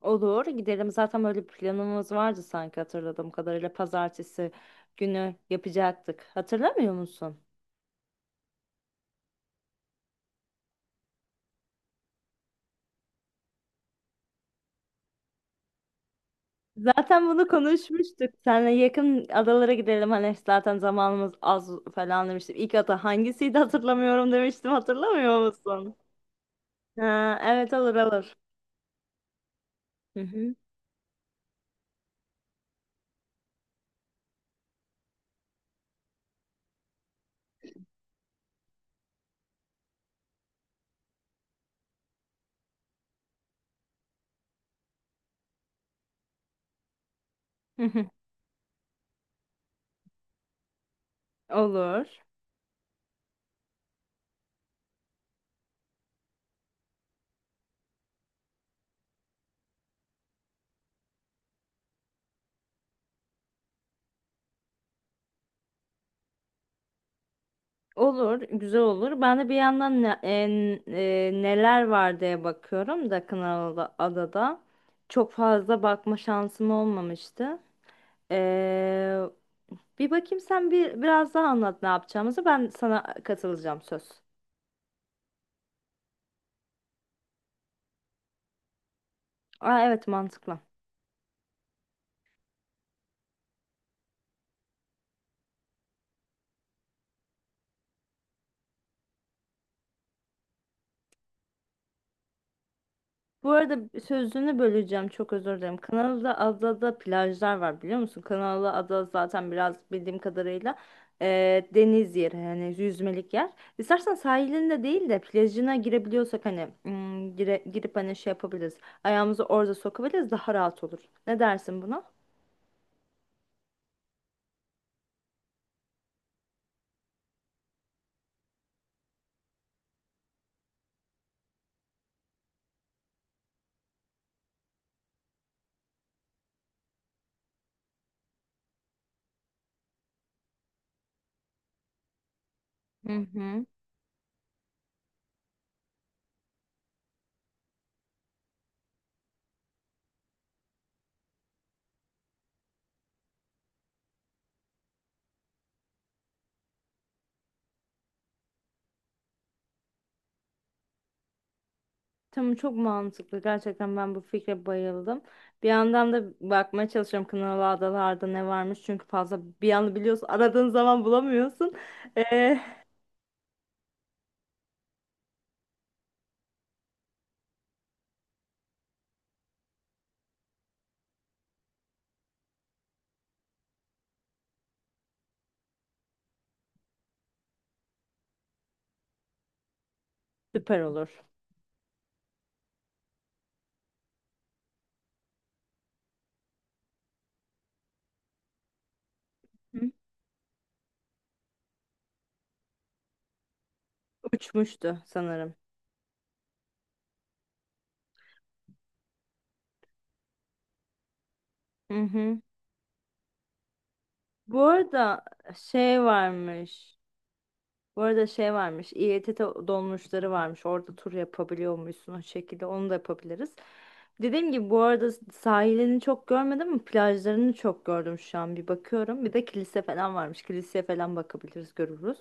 Olur, gidelim. Zaten böyle bir planımız vardı sanki hatırladığım kadarıyla. Pazartesi günü yapacaktık. Hatırlamıyor musun? Zaten bunu konuşmuştuk. Seninle yakın adalara gidelim. Hani zaten zamanımız az falan demiştim. İlk ada hangisiydi hatırlamıyorum demiştim. Hatırlamıyor musun? Ha, evet, olur olur. Hı hı. Hı hı. Olur. Olur, güzel olur. Ben de bir yandan neler var diye bakıyorum da adada çok fazla bakma şansım olmamıştı. Ee, bir bakayım, sen bir biraz daha anlat ne yapacağımızı. Ben sana katılacağım, söz. Aa, evet, mantıklı. Bu arada sözünü böleceğim, çok özür dilerim. Kanalı'da adada plajlar var biliyor musun? Kanalı ada zaten biraz bildiğim kadarıyla deniz yeri, yani yüzmelik yer. İstersen sahilinde değil de plajına girebiliyorsak hani girip hani şey yapabiliriz. Ayağımızı orada sokabiliriz, daha rahat olur. Ne dersin buna? Hı hı. Tamam, çok mantıklı. Gerçekten ben bu fikre bayıldım. Bir yandan da bakmaya çalışıyorum, Kınalı Adalar'da ne varmış. Çünkü fazla bir anda biliyorsun, aradığın zaman bulamıyorsun. Ee, süper olur. Hı? Uçmuştu sanırım. Hı hı. Bu arada şey varmış. Bu arada şey varmış, İETT dolmuşları varmış. Orada tur yapabiliyormuşsun o şekilde. Onu da yapabiliriz. Dediğim gibi bu arada sahilini çok görmedim ama plajlarını çok gördüm şu an. Bir bakıyorum. Bir de kilise falan varmış. Kiliseye falan bakabiliriz, görürüz.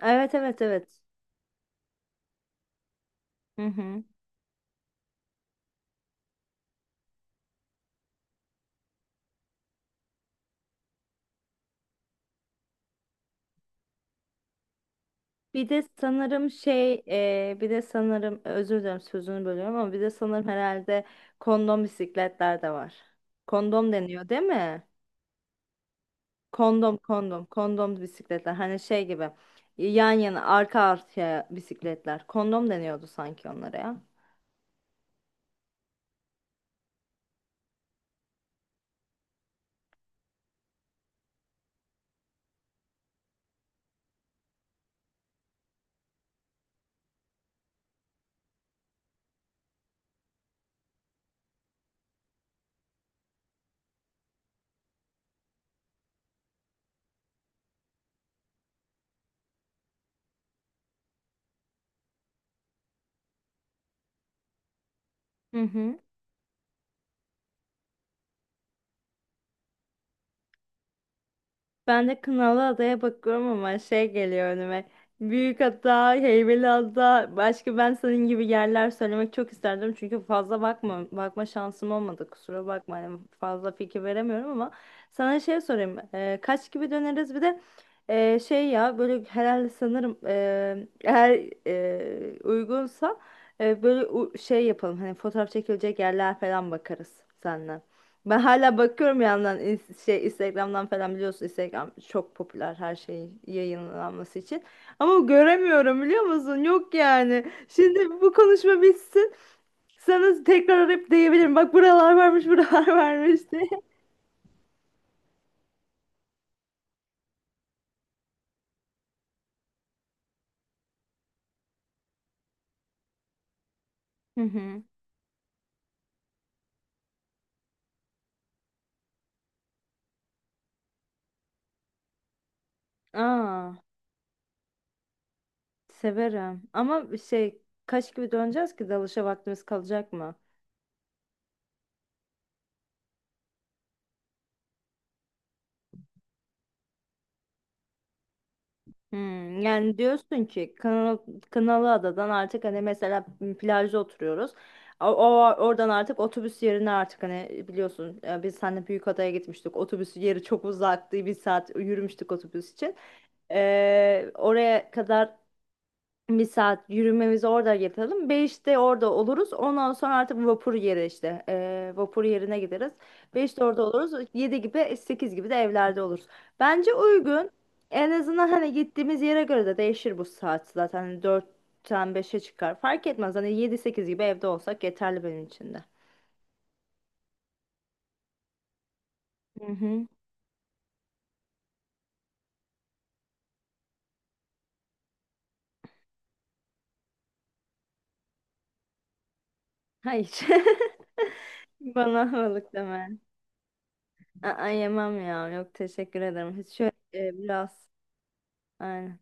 Evet, evet, evet. Hı hı. Bir de sanırım şey, bir de sanırım özür dilerim sözünü bölüyorum ama bir de sanırım herhalde kondom bisikletler de var. Kondom deniyor, değil mi? Kondom kondom kondom bisikletler, hani şey gibi, yan yana arka arkaya bisikletler, kondom deniyordu sanki onlara ya. Hı hı. Ben de Kınalıada'ya bakıyorum ama şey geliyor önüme. Büyükada, Heybeliada, başka ben senin gibi yerler söylemek çok isterdim. Çünkü fazla bakma, bakma şansım olmadı. Kusura bakma. Hani fazla fikir veremiyorum ama sana şey sorayım. Kaç gibi döneriz? Bir de şey ya, böyle herhalde sanırım eğer uygunsa böyle şey yapalım. Hani fotoğraf çekilecek yerler falan bakarız seninle. Ben hala bakıyorum bir yandan, şey, Instagram'dan falan, biliyorsun, Instagram çok popüler her şey yayınlanması için. Ama göremiyorum biliyor musun? Yok yani. Şimdi bu konuşma bitsin. Sana tekrar arayıp diyebilirim. Bak, buralar varmış, buralar varmış diye. Hı hı. Aa, severim. Ama şey, kaç gibi döneceğiz ki dalışa vaktimiz kalacak mı? Yani diyorsun ki Kınalı, Kınalı Adadan artık hani mesela plajda oturuyoruz. Oradan artık otobüs yerine, artık hani biliyorsun biz seninle Büyükada'ya gitmiştik. Otobüs yeri çok uzaktı. Bir saat yürümüştük otobüs için. Oraya kadar bir saat yürümemizi orada yapalım. 5'te orada oluruz. Ondan sonra artık vapur yeri işte. Vapur yerine gideriz. 5'te orada oluruz. Yedi gibi, 8 gibi de evlerde oluruz. Bence uygun. En azından hani gittiğimiz yere göre de değişir bu saat zaten. Hani 4'ten 5'e çıkar. Fark etmez. Hani 7 8 gibi evde olsak yeterli benim için de. Hı hı. Hayır. Bana havalık deme. Aa, yemem ya. Yok, teşekkür ederim. Hiç şöyle biraz. Aynen.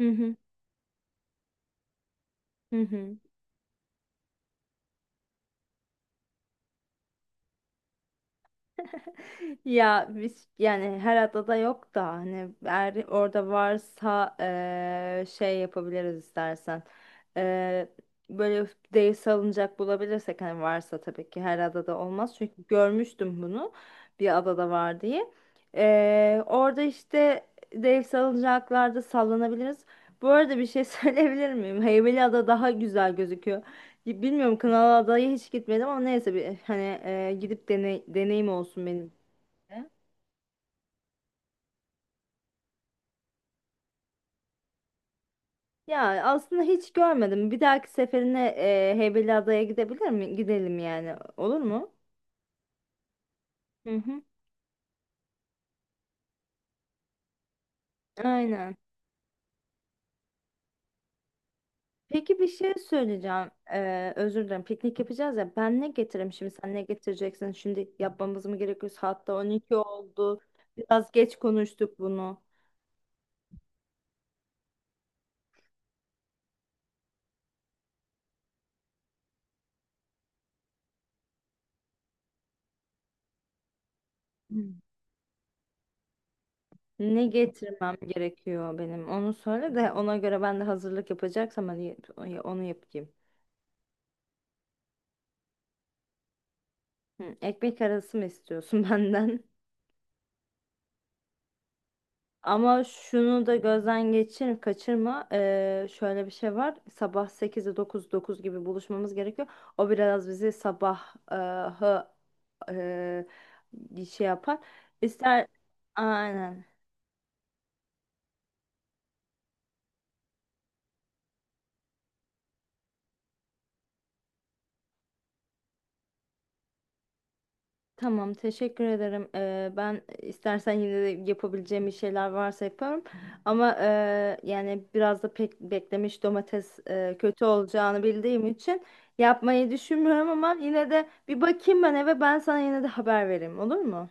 Hı hı. Hı hı. Ya biz yani her adada yok da hani eğer orada varsa şey yapabiliriz istersen. Eee, böyle dev salıncak bulabilirsek, hani varsa, tabii ki her adada olmaz. Çünkü görmüştüm bunu, bir adada var diye. Orada işte dev salıncaklarda sallanabiliriz. Bu arada bir şey söyleyebilir miyim? Heybeliada daha güzel gözüküyor. Bilmiyorum, Kınalıada'ya hiç gitmedim ama neyse, bir hani gidip deneyim olsun benim, ya aslında hiç görmedim. Bir dahaki seferine Heybeli Adaya gidebilir mi? Gidelim yani. Olur mu? Hı hı. Aynen. Peki bir şey söyleyeceğim. Özür dilerim. Piknik yapacağız ya. Ben ne getireyim şimdi? Sen ne getireceksin? Şimdi yapmamız mı gerekiyor? Hatta 12 oldu. Biraz geç konuştuk bunu. Hmm. Ne getirmem gerekiyor benim? Onu söyle de ona göre ben de hazırlık yapacaksam hani onu yapayım. Hı, ekmek arası mı istiyorsun benden? Ama şunu da gözden geçir, kaçırma. Şöyle bir şey var. Sabah 8'de dokuz gibi buluşmamız gerekiyor. O biraz bizi sabah hı, şey yapar. İster aynen. Tamam, teşekkür ederim. Ben istersen yine de yapabileceğim bir şeyler varsa yaparım. Ama yani biraz da pek beklemiş domates kötü olacağını bildiğim için yapmayı düşünmüyorum ama yine de bir bakayım ben eve, ben sana yine de haber vereyim, olur mu?